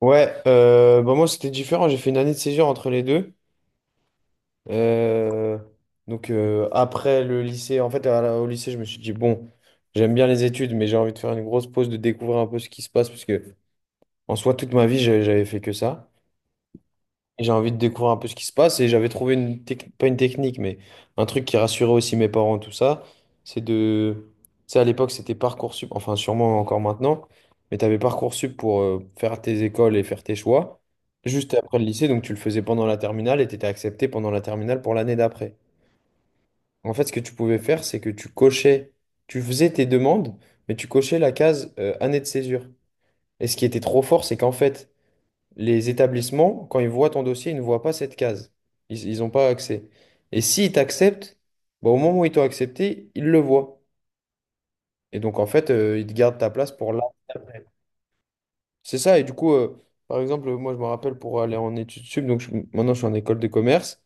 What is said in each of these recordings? Ouais, bah moi c'était différent, j'ai fait une année de césure entre les deux. Euh, après le lycée, en fait au lycée je me suis dit bon, j'aime bien les études mais j'ai envie de faire une grosse pause, de découvrir un peu ce qui se passe parce que en soi toute ma vie j'avais fait que ça. Et j'ai envie de découvrir un peu ce qui se passe et j'avais trouvé une technique, pas une technique, mais un truc qui rassurait aussi mes parents, tout ça, c'est de... Tu sais, à l'époque, c'était Parcoursup, enfin sûrement encore maintenant, mais tu avais Parcoursup pour faire tes écoles et faire tes choix, juste après le lycée, donc tu le faisais pendant la terminale et tu étais accepté pendant la terminale pour l'année d'après. En fait, ce que tu pouvais faire, c'est que tu cochais, tu faisais tes demandes, mais tu cochais la case année de césure. Et ce qui était trop fort, c'est qu'en fait, les établissements, quand ils voient ton dossier, ils ne voient pas cette case. Ils n'ont pas accès. Et s'ils t'acceptent, bah, au moment où ils t'ont accepté, ils le voient. Et donc, en fait, ils te gardent ta place pour là. C'est ça. Et du coup, par exemple, moi, je me rappelle pour aller en études sup, donc maintenant, je suis en école de commerce.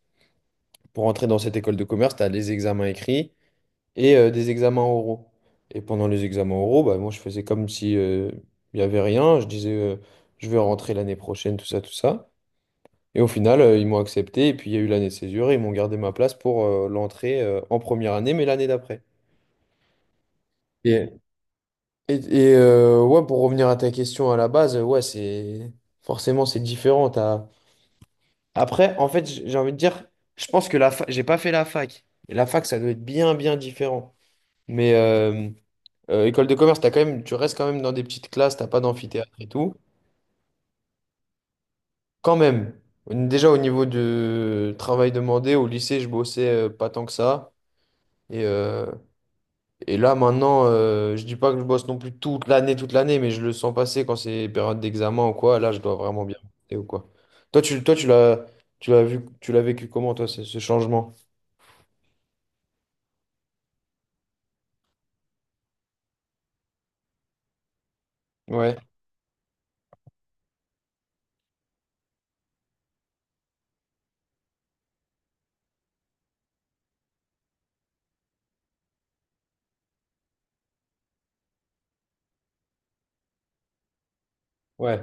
Pour entrer dans cette école de commerce, tu as les examens écrits et des examens oraux. Et pendant les examens oraux, bah, moi, je faisais comme si il n'y avait rien. Je disais, je vais rentrer l'année prochaine, tout ça, tout ça. Et au final, ils m'ont accepté. Et puis, il y a eu l'année de césure. Et ils m'ont gardé ma place pour l'entrée en première année, mais l'année d'après. Et, et ouais, pour revenir à ta question à la base, ouais, c'est forcément c'est différent. Après, en fait, j'ai envie de dire, je pense que la fac, j'ai pas fait la fac. Et la fac, ça doit être bien, bien différent. Mais école de commerce, t'as quand même, tu restes quand même dans des petites classes, t'as pas d'amphithéâtre et tout. Quand même. Déjà au niveau de travail demandé, au lycée, je bossais pas tant que ça. Et, euh, Et là, maintenant, je dis pas que je bosse non plus toute l'année, mais je le sens passer quand c'est période d'examen ou quoi. Là, je dois vraiment bien bosser ou quoi. Toi, tu l'as vu, tu l'as vécu comment, toi, ce changement? Ouais, ouais,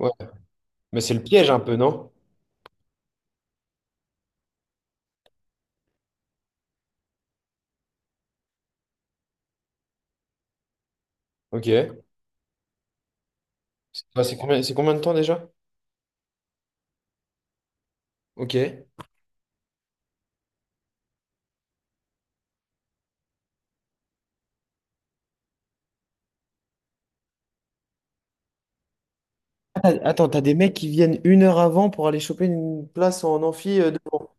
ouais. Mais c'est le piège un peu, non? Ok. C'est bah, c'est combien de temps déjà? Ok. Ah, attends, t'as des mecs qui viennent une heure avant pour aller choper une place en amphi devant.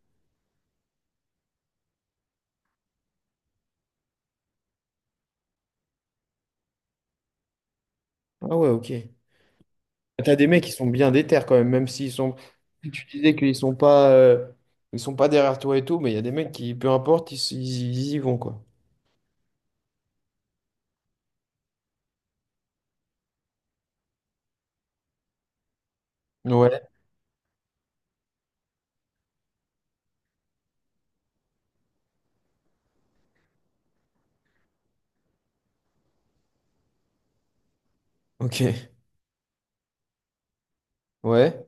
Ah ouais, ok. T'as des mecs qui sont bien déter quand même, même s'ils sont. Si tu disais qu'ils sont pas, ils sont pas derrière toi et tout, mais il y a des mecs qui, peu importe, ils y vont quoi. Ouais, ok, ouais.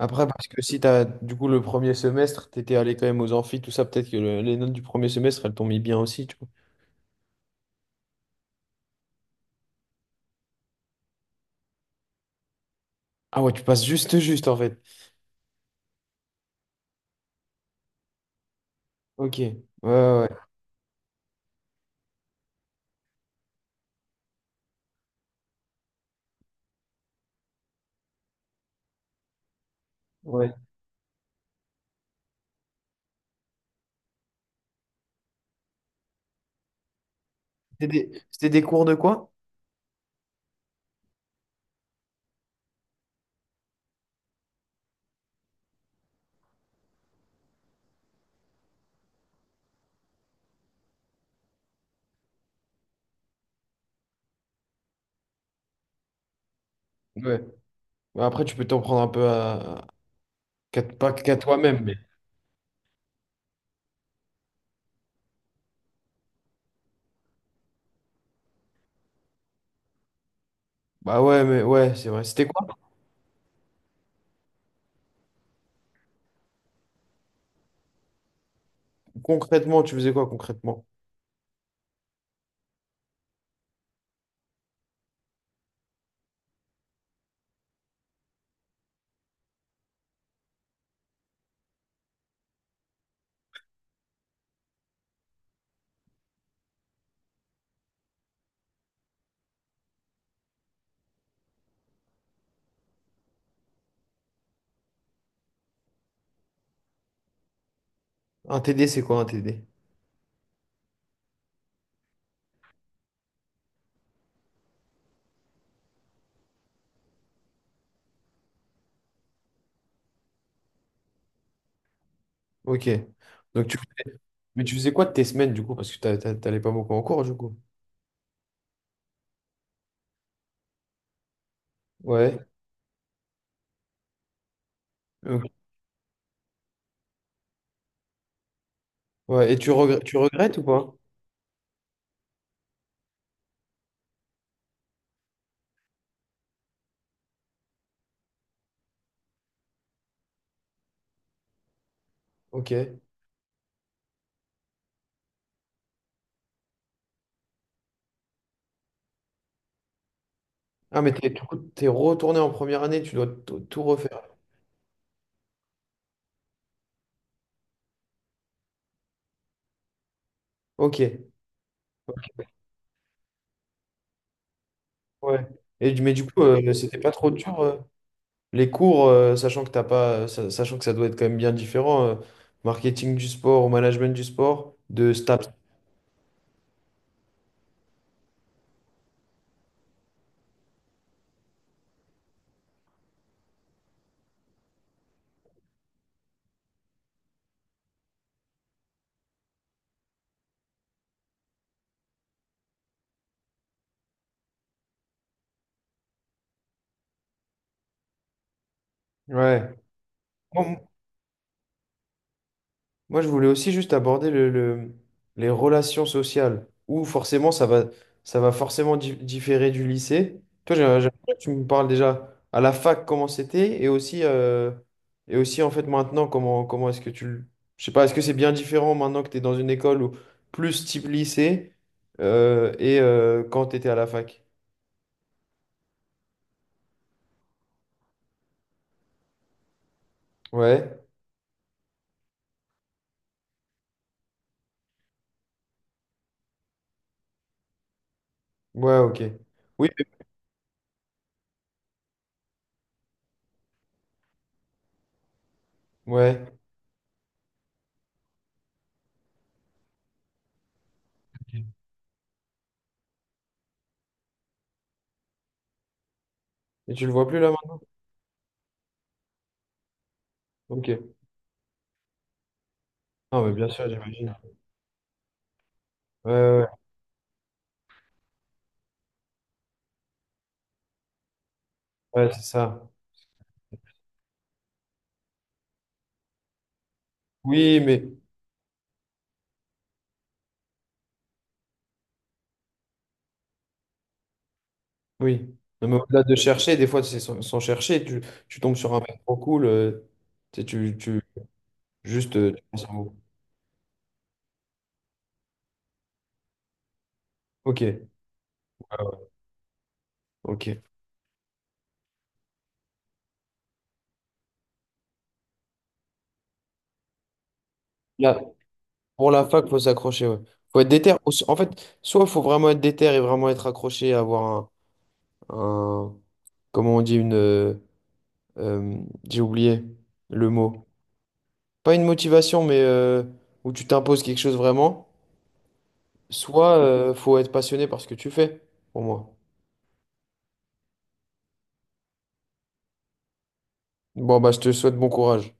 Après, parce que si t'as, du coup, le premier semestre, t'étais allé quand même aux amphis, tout ça, peut-être que les notes du premier semestre, elles t'ont mis bien aussi, tu vois. Ah ouais, tu passes juste, juste en fait. Ok, ouais, ouais, ouais. Ouais. C'était des cours de quoi? Ouais. Bah après, tu peux t'en prendre un peu à, pas qu'à toi-même, mais. Bah ouais, mais ouais, c'est vrai. C'était quoi? Concrètement, tu faisais quoi concrètement? Un TD, c'est quoi un TD? Ok. Donc tu... Mais tu faisais quoi de tes semaines du coup? Parce que t'allais pas beaucoup en cours du coup. Ouais. Ok. Ouais. Et tu regrettes ou pas? Ok. Ah, mais t'es, du coup, t'es retourné en première année, tu dois tout tout refaire. Ok. Ouais. Et, mais du coup, c'était pas trop dur les cours, sachant que t'as pas, sachant que ça doit être quand même bien différent, marketing du sport ou management du sport, de STAPS. Ouais. Moi, je voulais aussi juste aborder les relations sociales, où forcément ça va forcément différer du lycée. Toi, tu me parles déjà à la fac comment c'était et aussi en fait maintenant comment, comment est-ce que tu... Je sais pas, est-ce que c'est bien différent maintenant que tu es dans une école ou plus type lycée et quand tu étais à la fac? Ouais, ouais, ok. Oui, mais, ouais. Et tu le vois plus là maintenant? Ok. Non, mais bien sûr, j'imagine. Ouais, ouais, ouais, c'est ça. Oui, mais oui. Non, mais au-delà de chercher, des fois, c'est sans, sans chercher, tu tombes sur un mec trop cool, tu sais, juste tu penses à vous. Ok. Ouais, ouais, ok. Là, pour la fac, faut s'accrocher, ouais. Faut être déter. En fait, soit faut vraiment être déter et vraiment être accroché, avoir un, un- comment on dit, une, euh, j'ai oublié le mot. Pas une motivation, mais où tu t'imposes quelque chose vraiment. Soit faut être passionné par ce que tu fais, pour moi. Bon, bah, je te souhaite bon courage.